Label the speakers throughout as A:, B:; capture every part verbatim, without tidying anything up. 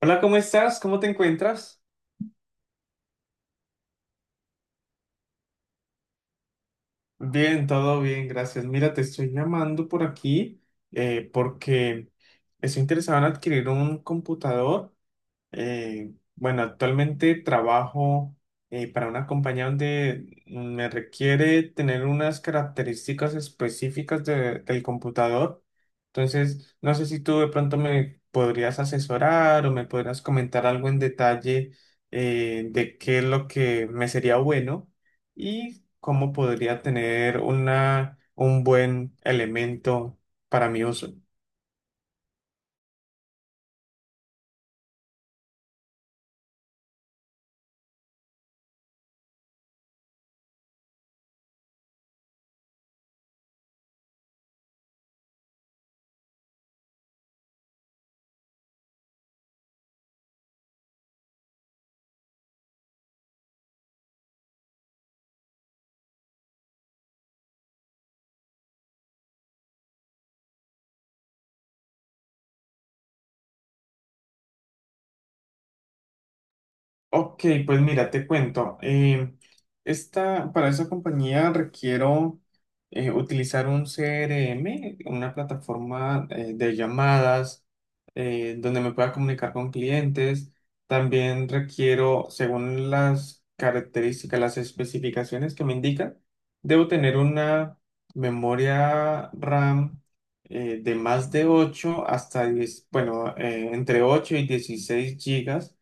A: Hola, ¿cómo estás? ¿Cómo te encuentras? Bien, todo bien, gracias. Mira, te estoy llamando por aquí eh, porque estoy interesado en adquirir un computador. Eh, bueno, Actualmente trabajo eh, para una compañía donde me requiere tener unas características específicas de- del computador. Entonces, no sé si tú de pronto me podrías asesorar o me podrías comentar algo en detalle eh, de qué es lo que me sería bueno y cómo podría tener una, un buen elemento para mi uso. Ok, pues mira, te cuento. Eh, esta, para esa compañía requiero eh, utilizar un C R M, una plataforma eh, de llamadas eh, donde me pueda comunicar con clientes. También requiero, según las características, las especificaciones que me indican, debo tener una memoria RAM eh, de más de ocho hasta diez, bueno, eh, entre ocho y dieciséis gigas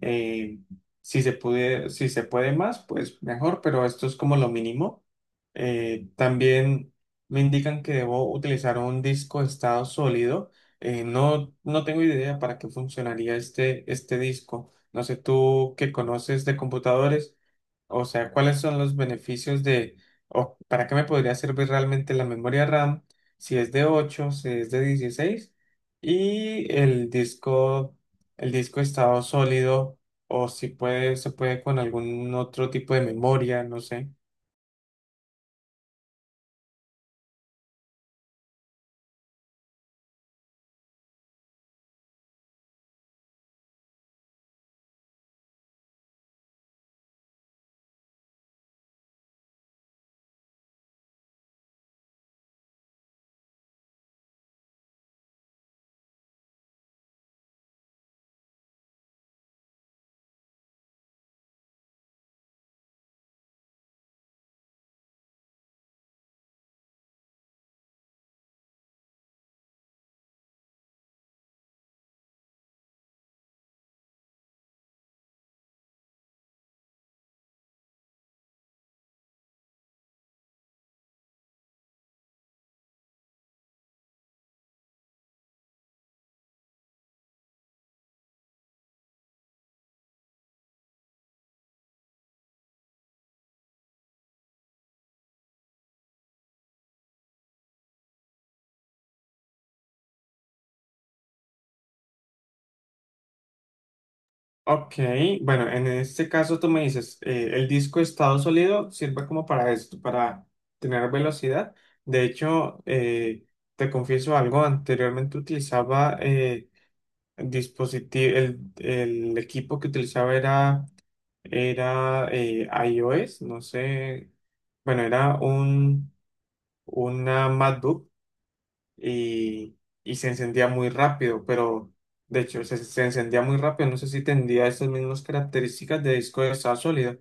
A: eh, si se puede, si se puede más, pues mejor, pero esto es como lo mínimo. Eh, también me indican que debo utilizar un disco de estado sólido. Eh, no, no tengo idea para qué funcionaría este, este disco. No sé tú qué conoces de computadores, o sea, ¿cuáles son los beneficios de, o para qué me podría servir realmente la memoria RAM si es de ocho si es de dieciséis y el disco, el disco estado sólido o si puede, se puede con algún otro tipo de memoria, no sé. Ok, bueno, en este caso tú me dices, eh, el disco estado sólido sirve como para esto, para tener velocidad. De hecho, eh, te confieso algo, anteriormente utilizaba... eh, dispositivo, el, el equipo que utilizaba era, era eh, iOS, no sé, bueno, era un, una MacBook y, y se encendía muy rápido, pero de hecho se, se encendía muy rápido, no sé si tendría esas mismas características de disco de estado sólido.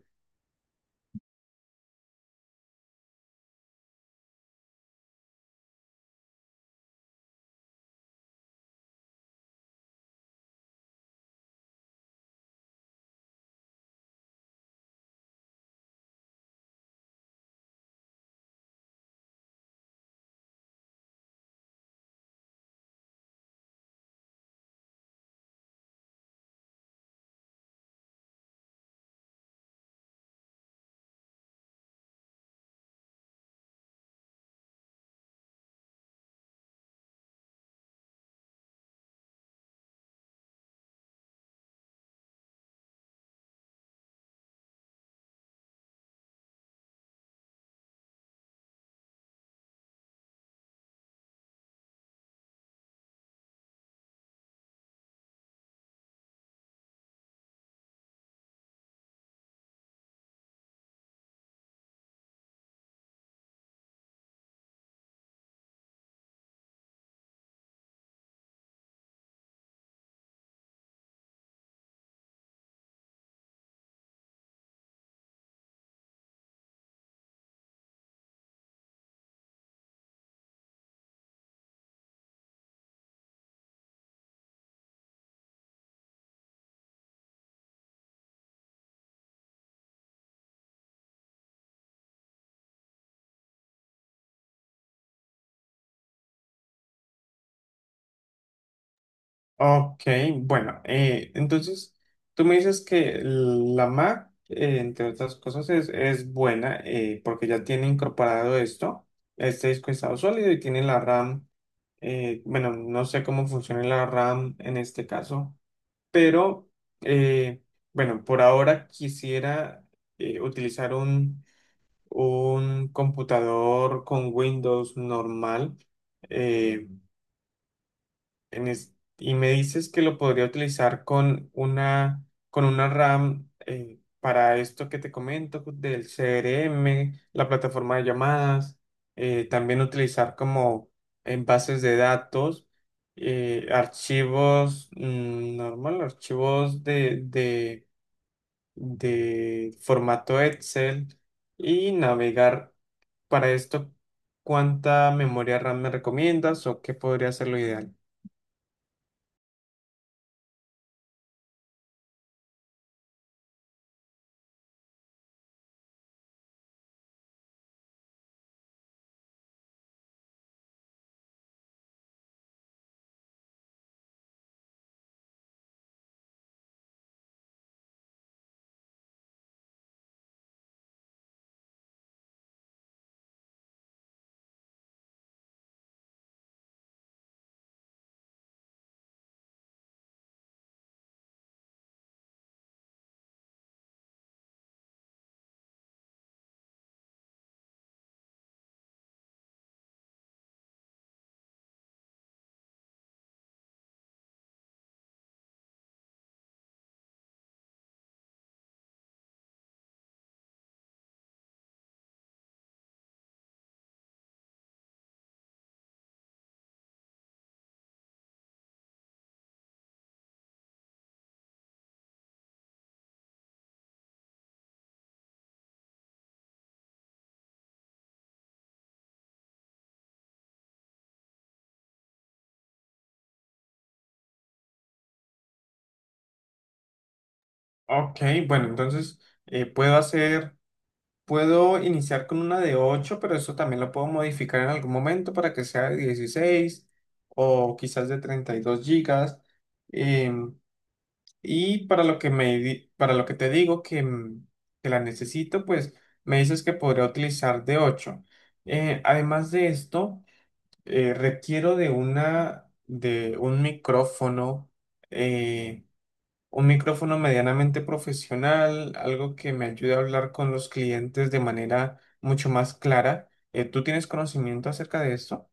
A: Ok, bueno, eh, entonces tú me dices que la Mac, eh, entre otras cosas, es, es buena eh, porque ya tiene incorporado esto, este disco de estado sólido y tiene la RAM, eh, bueno, no sé cómo funciona la RAM en este caso, pero eh, bueno, por ahora quisiera eh, utilizar un, un computador con Windows normal. eh, en es- y me dices que lo podría utilizar con una, con una RAM eh, para esto que te comento del C R M, la plataforma de llamadas, eh, también utilizar como en bases de datos, eh, archivos mm, normal, archivos de, de, de formato Excel y navegar para esto. ¿Cuánta memoria RAM me recomiendas o qué podría ser lo ideal? Ok, bueno, entonces eh, puedo hacer, puedo iniciar con una de ocho, pero eso también lo puedo modificar en algún momento para que sea de dieciséis o quizás de treinta y dos gigas. Em, y para lo que me, di- para lo que te digo que, mm, que la necesito, pues me dices que podría utilizar de ocho. Eh, además de esto, eh, requiero de una, de un micrófono eh, un micrófono medianamente profesional, algo que me ayude a hablar con los clientes de manera mucho más clara. Eh, ¿tú tienes conocimiento acerca de esto?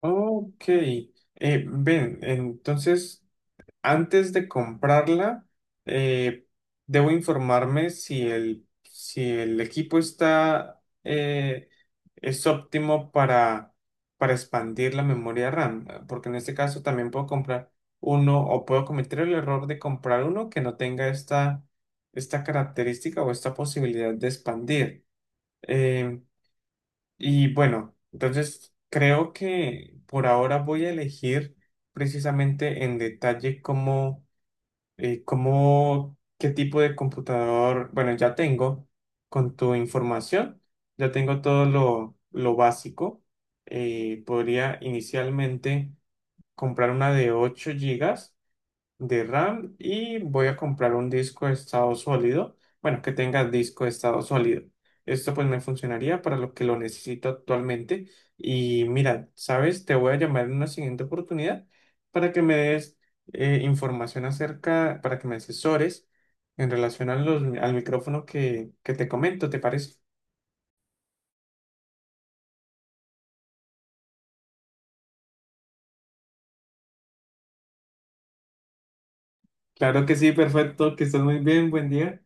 A: Ok, eh, ven, entonces antes de comprarla, eh, debo informarme si el, si el equipo está, eh, es óptimo para, para expandir la memoria RAM, eh, porque en este caso también puedo comprar uno o puedo cometer el error de comprar uno que no tenga esta, esta característica o esta posibilidad de expandir. Eh, y bueno, entonces creo que por ahora voy a elegir precisamente en detalle cómo eh, ¿cómo, qué tipo de computador? Bueno, ya tengo con tu información, ya tengo todo lo, lo básico. Eh, podría inicialmente comprar una de ocho gigas de RAM y voy a comprar un disco de estado sólido, bueno, que tenga disco de estado sólido. Esto pues me funcionaría para lo que lo necesito actualmente. Y mira, sabes, te voy a llamar en una siguiente oportunidad para que me des eh, información acerca, para que me asesores en relación a los, al micrófono que, que te comento, ¿te parece? Claro que sí, perfecto, que estés muy bien, buen día.